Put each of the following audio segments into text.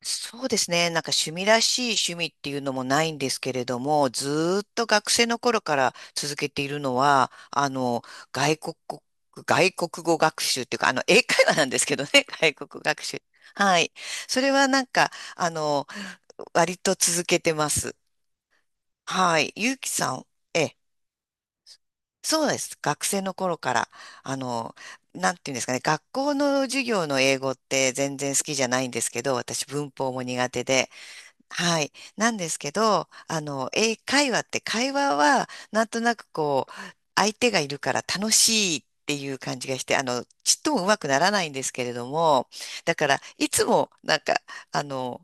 そうですね。なんか趣味らしい趣味っていうのもないんですけれども、ずーっと学生の頃から続けているのは、外国語、外国語学習っていうか、英会話なんですけどね、外国語学習。はい。それはなんか、割と続けてます。はい。ゆうきさん、ええ、そうです。学生の頃から、あの、なんていうんですかね、学校の授業の英語って全然好きじゃないんですけど、私文法も苦手で、はい。なんですけど、英会話って会話は、なんとなくこう、相手がいるから楽しいっていう感じがして、ちっともうまくならないんですけれども、だから、いつも、なんか、あの、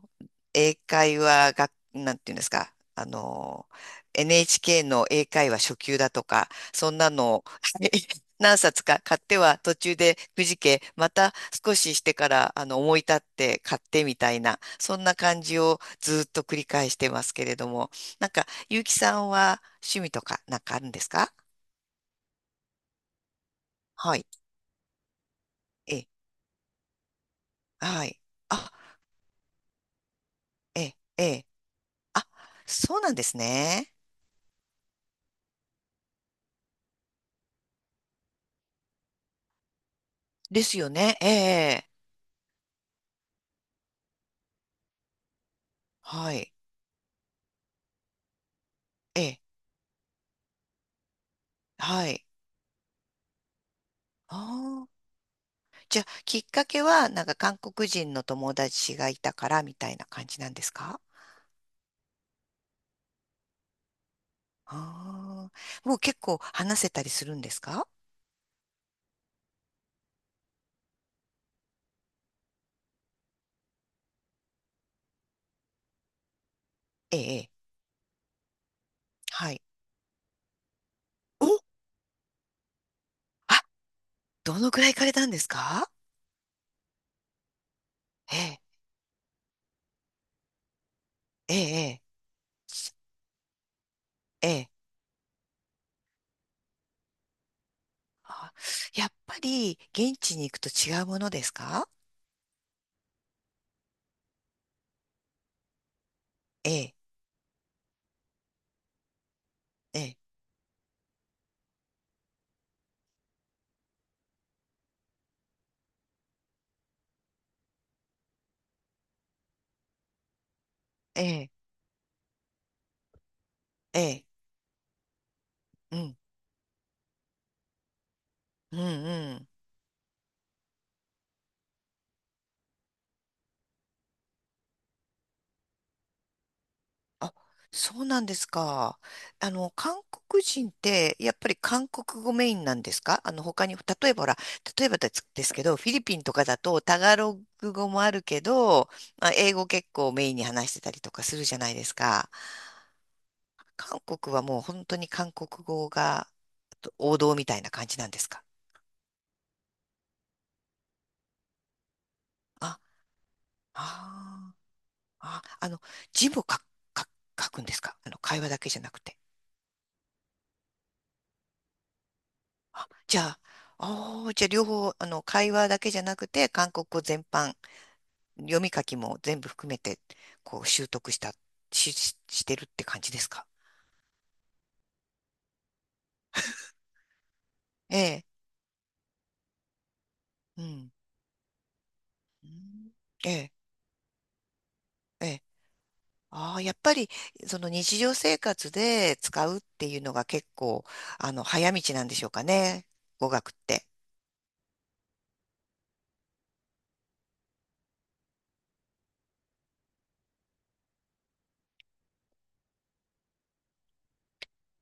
英会話が、なんていうんですか、NHK の英会話初級だとか、そんなの 何冊か買っては途中でくじけ、また少ししてから思い立って買ってみたいな、そんな感じをずっと繰り返してますけれども、なんか、ゆうきさんは趣味とかなんかあるんですか？はい。ええ、はい。あ、ええ、ええ。あ、そうなんですね。ですよね。ええ、はい。ええ、はい。ああ。じゃあ、きっかけは、なんか韓国人の友達がいたからみたいな感じなんですか？ああ、もう結構話せたりするんですか？ええ、ええはい。お、あ、どのくらい行かれたんですか？ええ、ええ、ええ。ええあ、やっぱり現地に行くと違うものですか？ええ、ええ、ええ、ええ、うん、うん、うん。あ、そうなんですか。韓国人って、やっぱり韓国語メインなんですか？他に、例えばほら、例えばですけど、フィリピンとかだと、タガログ語もあるけど、まあ、英語結構メインに話してたりとかするじゃないですか。韓国はもう本当に韓国語が王道みたいな感じなんですか？あ、あーあ、字も書くんですか？会話だけじゃなくて。あ、じゃあ、あーじゃあ両方、会話だけじゃなくて、韓国語全般、読み書きも全部含めて、こう、習得した、してるって感じですか？ええ、うん。うんええ、ええ。ああ、やっぱり、その日常生活で使うっていうのが結構、早道なんでしょうかね。語学って。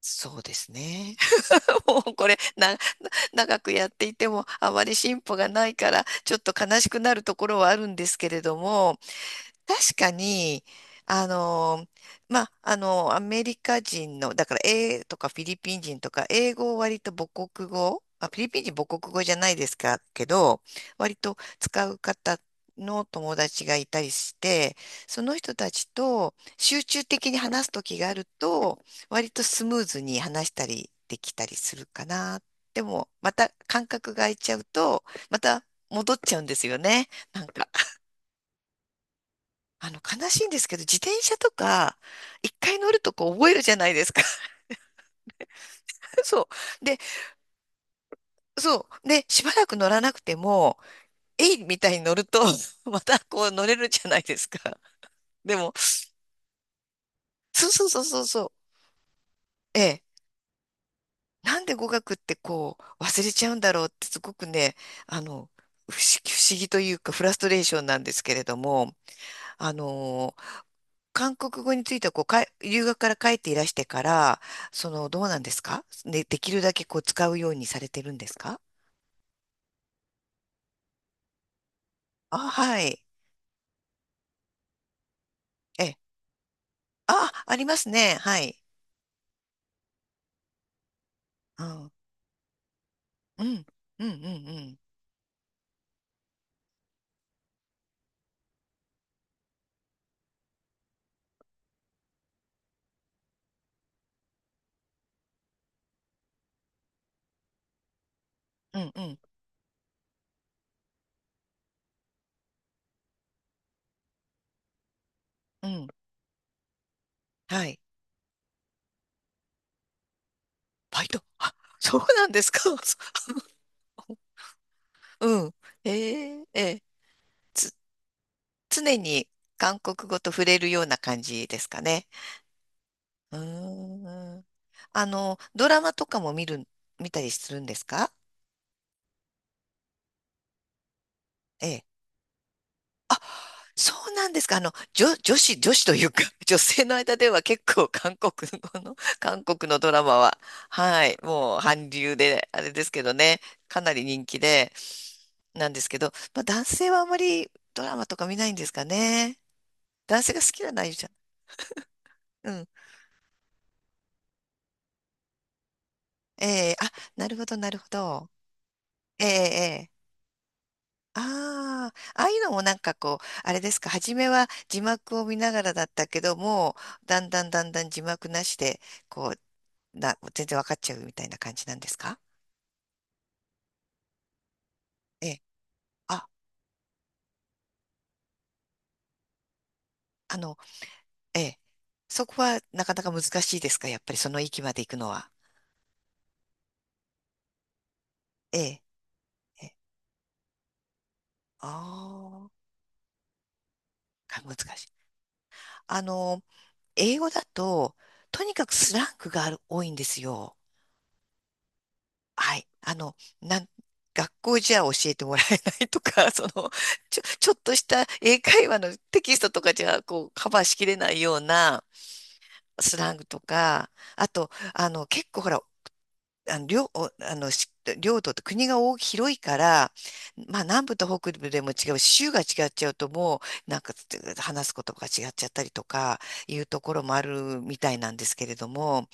そうですね。もうこれ、長くやっていても、あまり進歩がないから、ちょっと悲しくなるところはあるんですけれども、確かに、あの、まあ、アメリカ人の、だから、英とかフィリピン人とか、英語を割と母国語、あ、フィリピン人母国語じゃないですか、けど、割と使う方の友達がいたりして、その人たちと集中的に話す時があると、割とスムーズに話したりできたりするかな。でも、また間隔が空いちゃうと、また戻っちゃうんですよね。なんか悲しいんですけど、自転車とか、一回乗るとこう覚えるじゃないですか。そう。で、そう。で、しばらく乗らなくても、えいみたいに乗ると、またこう乗れるじゃないですか。でも、そうそうそうそうそう。ええ。なんで語学ってこう、忘れちゃうんだろうってすごくね、あの、不思議、不思議というか、フラストレーションなんですけれども、あの韓国語についてはこうかい、留学から帰っていらしてから、その、どうなんですかね、できるだけこう使うようにされてるんですか？あ、はい。ええ、あ、ありますね。はい。うん。うん。うん。うん。うん。うん。うん。うんはい。バイト。あ、そうなんですか？ そううん。ええええつ、常に韓国語と触れるような感じですかね。うーん。ドラマとかも見たりするんですか？えあ、そうなんですか。女子というか、女性の間では結構韓国語の、韓国のドラマは、はい、もう韓流で、あれですけどね、かなり人気で、なんですけど、まあ男性はあまりドラマとか見ないんですかね。男性が好きな内容じゃん。うん。ええあ、なるほど、なるほど。ええええああ、ああいうのもなんかこう、あれですか、初めは字幕を見ながらだったけども、だんだんだんだん字幕なしで、こう、全然わかっちゃうみたいな感じなんですか？ええ。あ、あの、ええ。そこはなかなか難しいですか？やっぱりその域まで行くのは。ええ。ええ。ああ、難しい。あの、英語だと、とにかくスラングが多いんですよ。はい。学校じゃ教えてもらえないとか、その、ちょっとした英会話のテキストとかじゃ、こう、カバーしきれないようなスラングとか、あと、結構ほら、領、おあの、し領土って国が大き広いから、まあ南部と北部でも違うし、州が違っちゃうともう、なんか話すことが違っちゃったりとかいうところもあるみたいなんですけれども、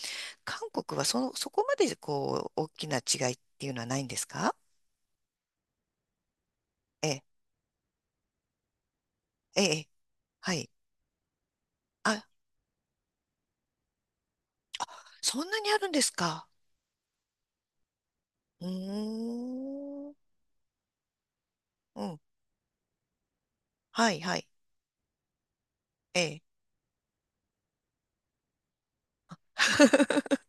韓国はその、そこまでこう、大きな違いっていうのはないんですか？ええ、ええ、はい。あ、そんなにあるんですか？うーん。うん。はい、はい。ええ。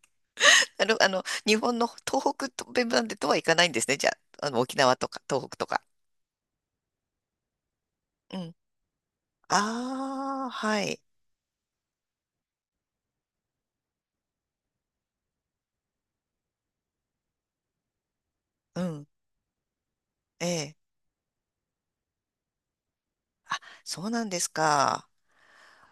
日本の東北とベムなんでとはいかないんですね。じゃあ、沖縄とか東北とか。うん。ああ、はい。うん。ええ。そうなんですか。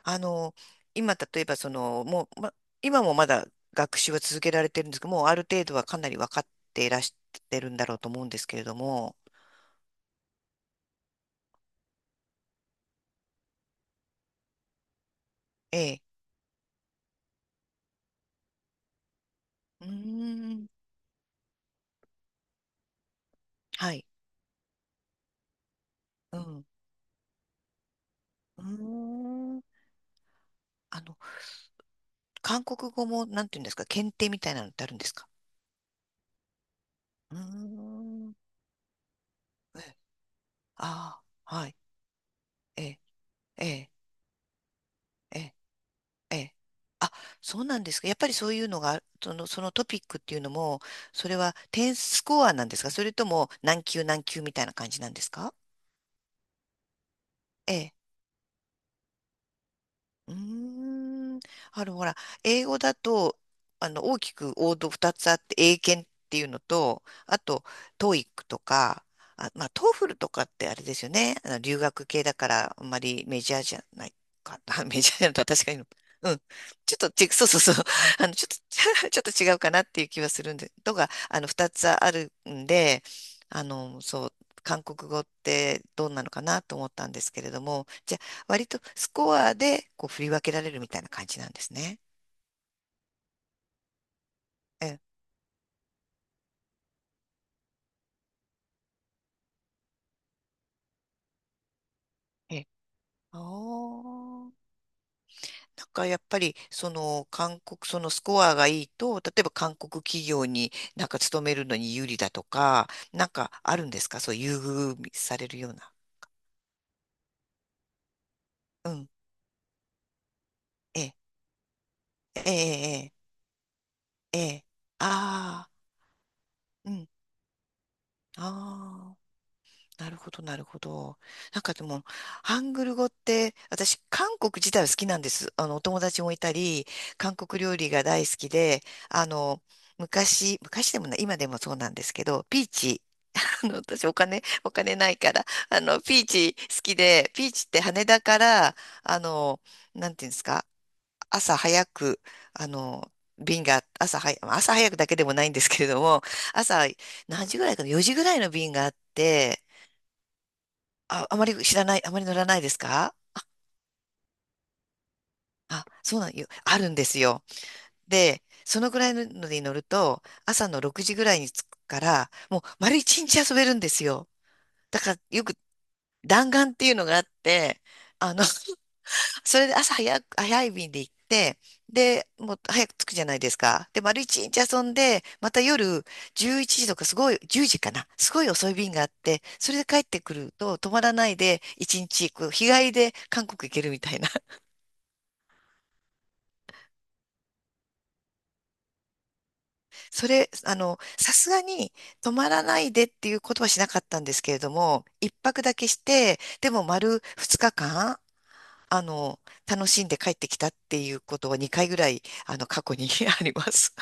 あの、今、例えば、その、もう、今もまだ学習は続けられてるんですけど、もうある程度はかなり分かっていらしてるんだろうと思うんですけれども、ええ。うーん。はい。うん。うーん。あの、韓国語も、なんていうんですか、検定みたいなのってあるんですか？うーん。ああ、はい。ええ、ええ、ええ、ええ。あ、そうなんですか。やっぱりそういうのが、その、そのトピックっていうのも、それは点スコアなんですか？それとも何級何級みたいな感じなんですか？ええ。うーん。ほら、英語だと、大きく王道2つあって、英検っていうのと、あと、トーイックとか、あ、まあ、トーフルとかってあれですよね。留学系だから、あんまりメジャーじゃないかな。メジャーなのとは確かに、うん。ちょっとち、そうそうそう。ちょっと、ちょっと違うかなっていう気はするんで、2つあるんで、そう、韓国語ってどんなのかなと思ったんですけれども、じゃ割とスコアでこう振り分けられるみたいな感じなんですね。ええ。ええ、ああ。なんかやっぱりその韓国、そのスコアがいいと、例えば韓国企業になんか勤めるのに有利だとか、なんかあるんですか？そう優遇されるような。うん。ええ、ええ、ええ、ええ。ああ、うん。ああ。なるほど、なるほど。なんかでも、ハングル語って、私、韓国自体は好きなんです。お友達もいたり、韓国料理が大好きで、あの、昔、昔でもない、今でもそうなんですけど、ピーチ、私、お金ないから、ピーチ好きで、ピーチって羽田から、あの、なんていうんですか、朝早く、あの、便が、朝は朝早くだけでもないんですけれども、朝何時ぐらいかな、4時ぐらいの便があって、あ、あまり知らない、あまり乗らないですか？あ、そうなんよ。あるんですよ。で、そのぐらいので乗ると、朝の6時ぐらいに着くから、もう丸一日遊べるんですよ。だからよく弾丸っていうのがあって、あの、それで朝早く、早い便で行って、で、もう早く着くじゃないですか。で、丸一日遊んで、また夜11時とかすごい、10時かな。すごい遅い便があって、それで帰ってくると泊まらないで1日こう日帰りで韓国行けるみたいな。それ、さすがに泊まらないでっていうことはしなかったんですけれども、一泊だけして、でも丸二日間、あの、楽しんで帰ってきたっていうことは2回ぐらい、過去に あります。